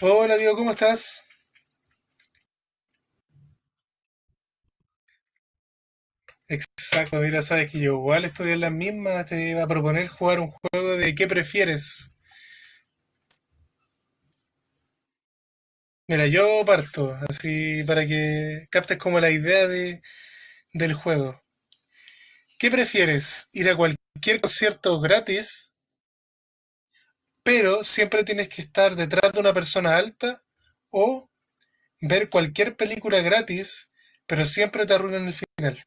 Hola Diego, ¿cómo estás? Exacto, mira, sabes que yo igual estoy en las mismas, te iba a proponer jugar un juego de ¿qué prefieres? Mira, yo parto, así para que captes como la idea de, del juego. ¿Qué prefieres? ¿Ir a cualquier concierto gratis, pero siempre tienes que estar detrás de una persona alta? ¿O ver cualquier película gratis, pero siempre te arruinan el final?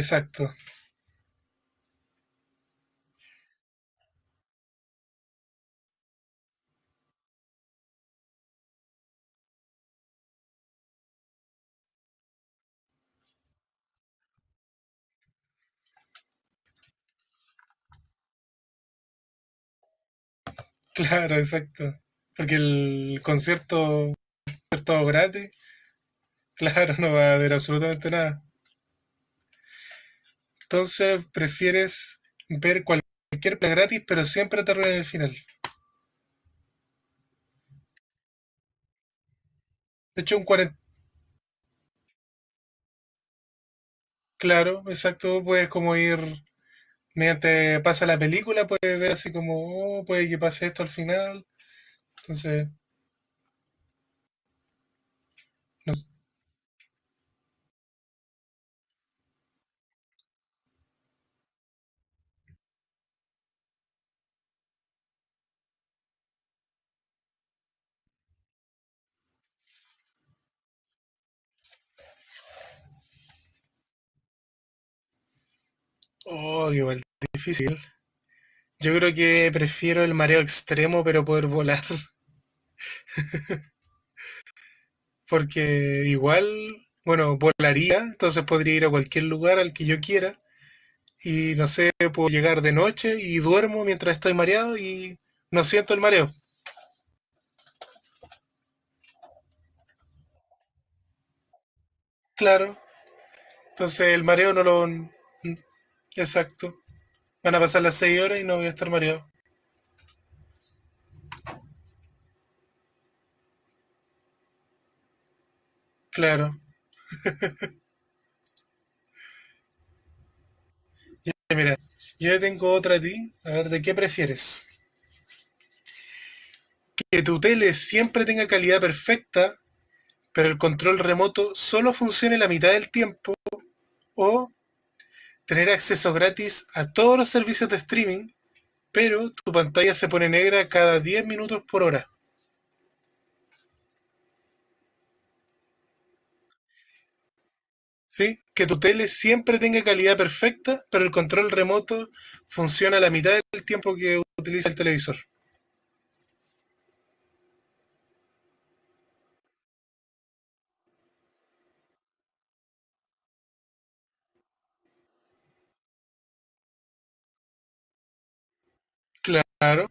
Exacto. Claro, exacto. Porque el concierto, es todo gratis. Claro, no va a haber absolutamente nada. Entonces, prefieres ver cualquier plan gratis, pero siempre te arruinan el final. De hecho, un 40. Claro, exacto, puedes como ir, mediante pasa la película, puedes ver así como, oh, puede que pase esto al final. Entonces, no sé. Oh, igual, difícil. Yo creo que prefiero el mareo extremo, pero poder volar. Porque igual, bueno, volaría, entonces podría ir a cualquier lugar al que yo quiera, y no sé, puedo llegar de noche y duermo mientras estoy mareado y no siento el mareo. Claro, entonces el mareo no lo. Exacto. Van a pasar las 6 horas y no voy a estar mareado. Claro. Yo tengo otra a ti. A ver, ¿de qué prefieres? Que tu tele siempre tenga calidad perfecta, pero el control remoto solo funcione la mitad del tiempo, o tener acceso gratis a todos los servicios de streaming, pero tu pantalla se pone negra cada 10 minutos por hora. ¿Sí? Que tu tele siempre tenga calidad perfecta, pero el control remoto funciona la mitad del tiempo que utiliza el televisor. Claro,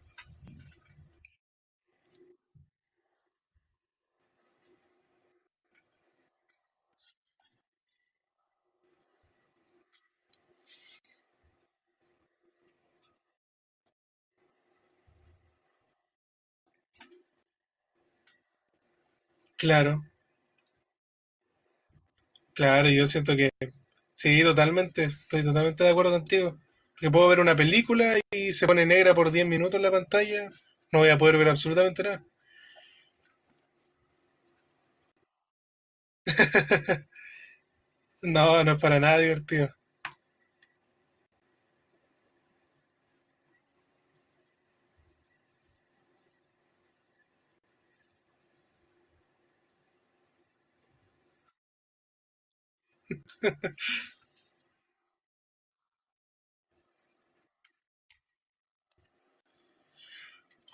claro, claro, yo siento que sí, totalmente, estoy totalmente de acuerdo contigo. Porque puedo ver una película y se pone negra por 10 minutos la pantalla, no voy a poder ver absolutamente nada. No, no es para nada divertido.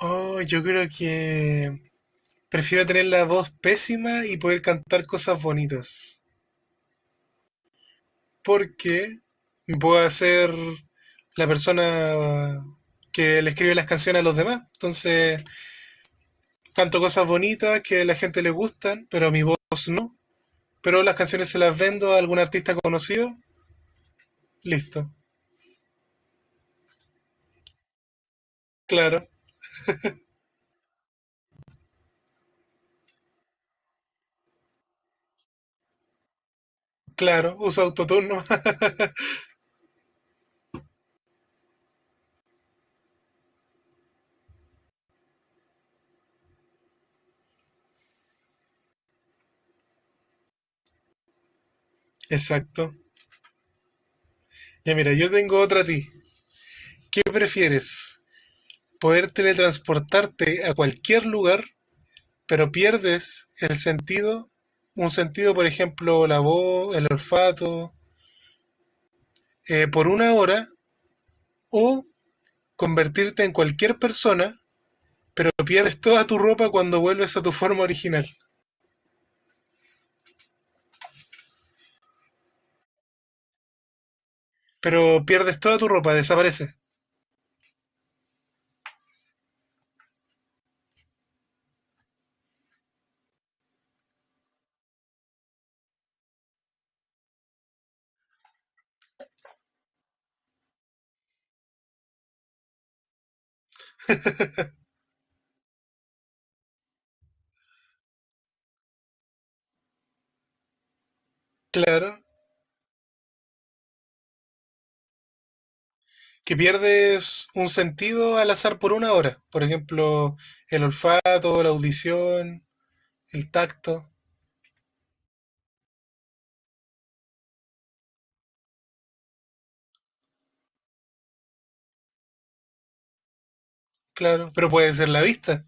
Oh, yo creo que prefiero tener la voz pésima y poder cantar cosas bonitas. Porque voy a ser la persona que le escribe las canciones a los demás. Entonces, canto cosas bonitas que a la gente le gustan, pero a mi voz no. Pero las canciones se las vendo a algún artista conocido. Listo. Claro, claro. Usa autoturno. Exacto. Ya mira, yo tengo otra a ti. ¿Qué prefieres? ¿Poder teletransportarte a cualquier lugar, pero pierdes el sentido? Un sentido, por ejemplo, la voz, el olfato, por una hora o convertirte en cualquier persona, pero pierdes toda tu ropa cuando vuelves a tu forma original. Pero pierdes toda tu ropa, desaparece. Claro. Que pierdes un sentido al azar por una hora. Por ejemplo, el olfato, la audición, el tacto. Claro. Pero puede ser la vista.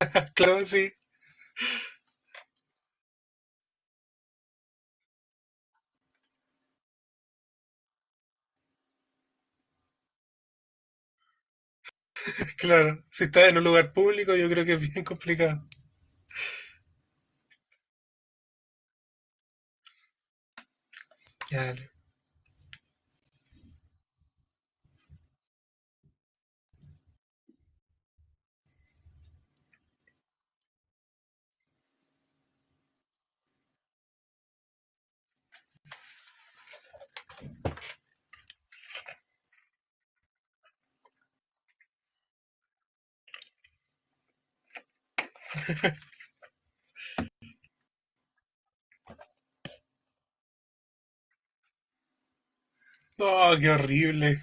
Claro, sí. Claro. Si estás en un lugar público, yo creo que es bien complicado. Claro. No, qué horrible.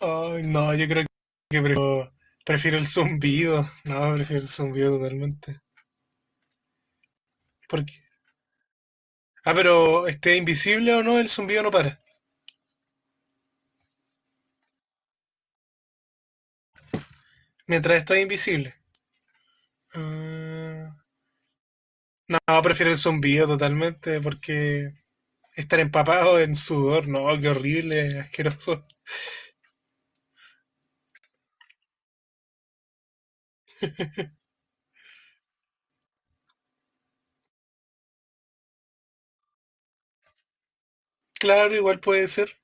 Ay, no, yo creo que prefiero el zumbido. No, prefiero el zumbido totalmente. ¿Por qué? Ah, pero esté invisible o no, el zumbido no para. Mientras esté invisible. Ah, no, prefiero el zumbido totalmente porque estar empapado en sudor, no, qué horrible, asqueroso. Claro, igual puede ser,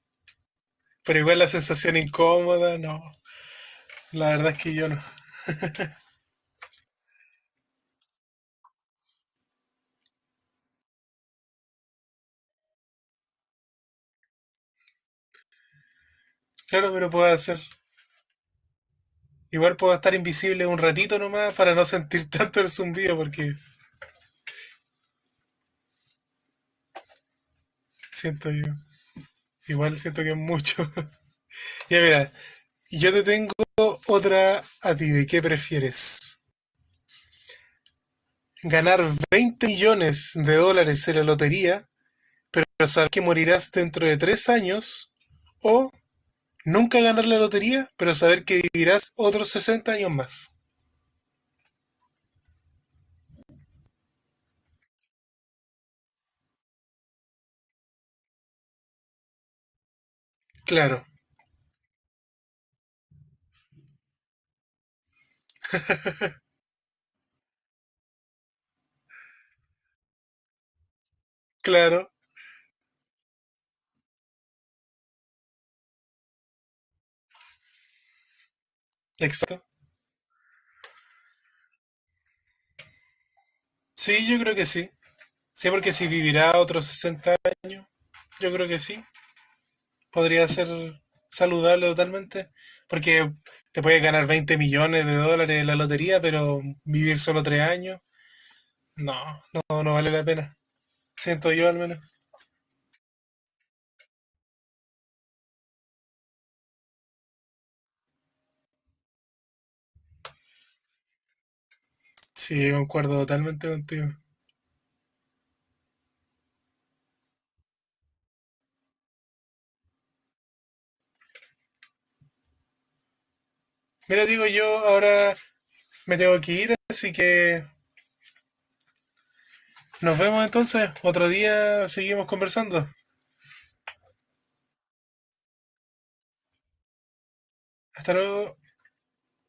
pero igual la sensación incómoda, no. La verdad es que yo no. Claro, pero puedo hacer. Igual puedo estar invisible un ratito nomás para no sentir tanto el zumbido porque siento yo. Igual siento que es mucho. Ya mira, yo te tengo otra a ti. ¿De qué prefieres? ¿Ganar 20 millones de dólares en la lotería, saber que morirás dentro de 3 años? ¿O nunca ganar la lotería, pero saber que vivirás otros 60 años más? Claro, claro, exacto. Sí, yo creo que sí. Sí, porque si vivirá otros 60 años, yo creo que sí. Podría ser saludable totalmente, porque te puedes ganar 20 millones de dólares en la lotería, pero vivir solo 3 años, no, no, no vale la pena. Siento yo al menos. Sí, concuerdo totalmente contigo. Mira, digo yo, ahora me tengo que ir, así que nos vemos entonces. Otro día seguimos conversando. Hasta luego.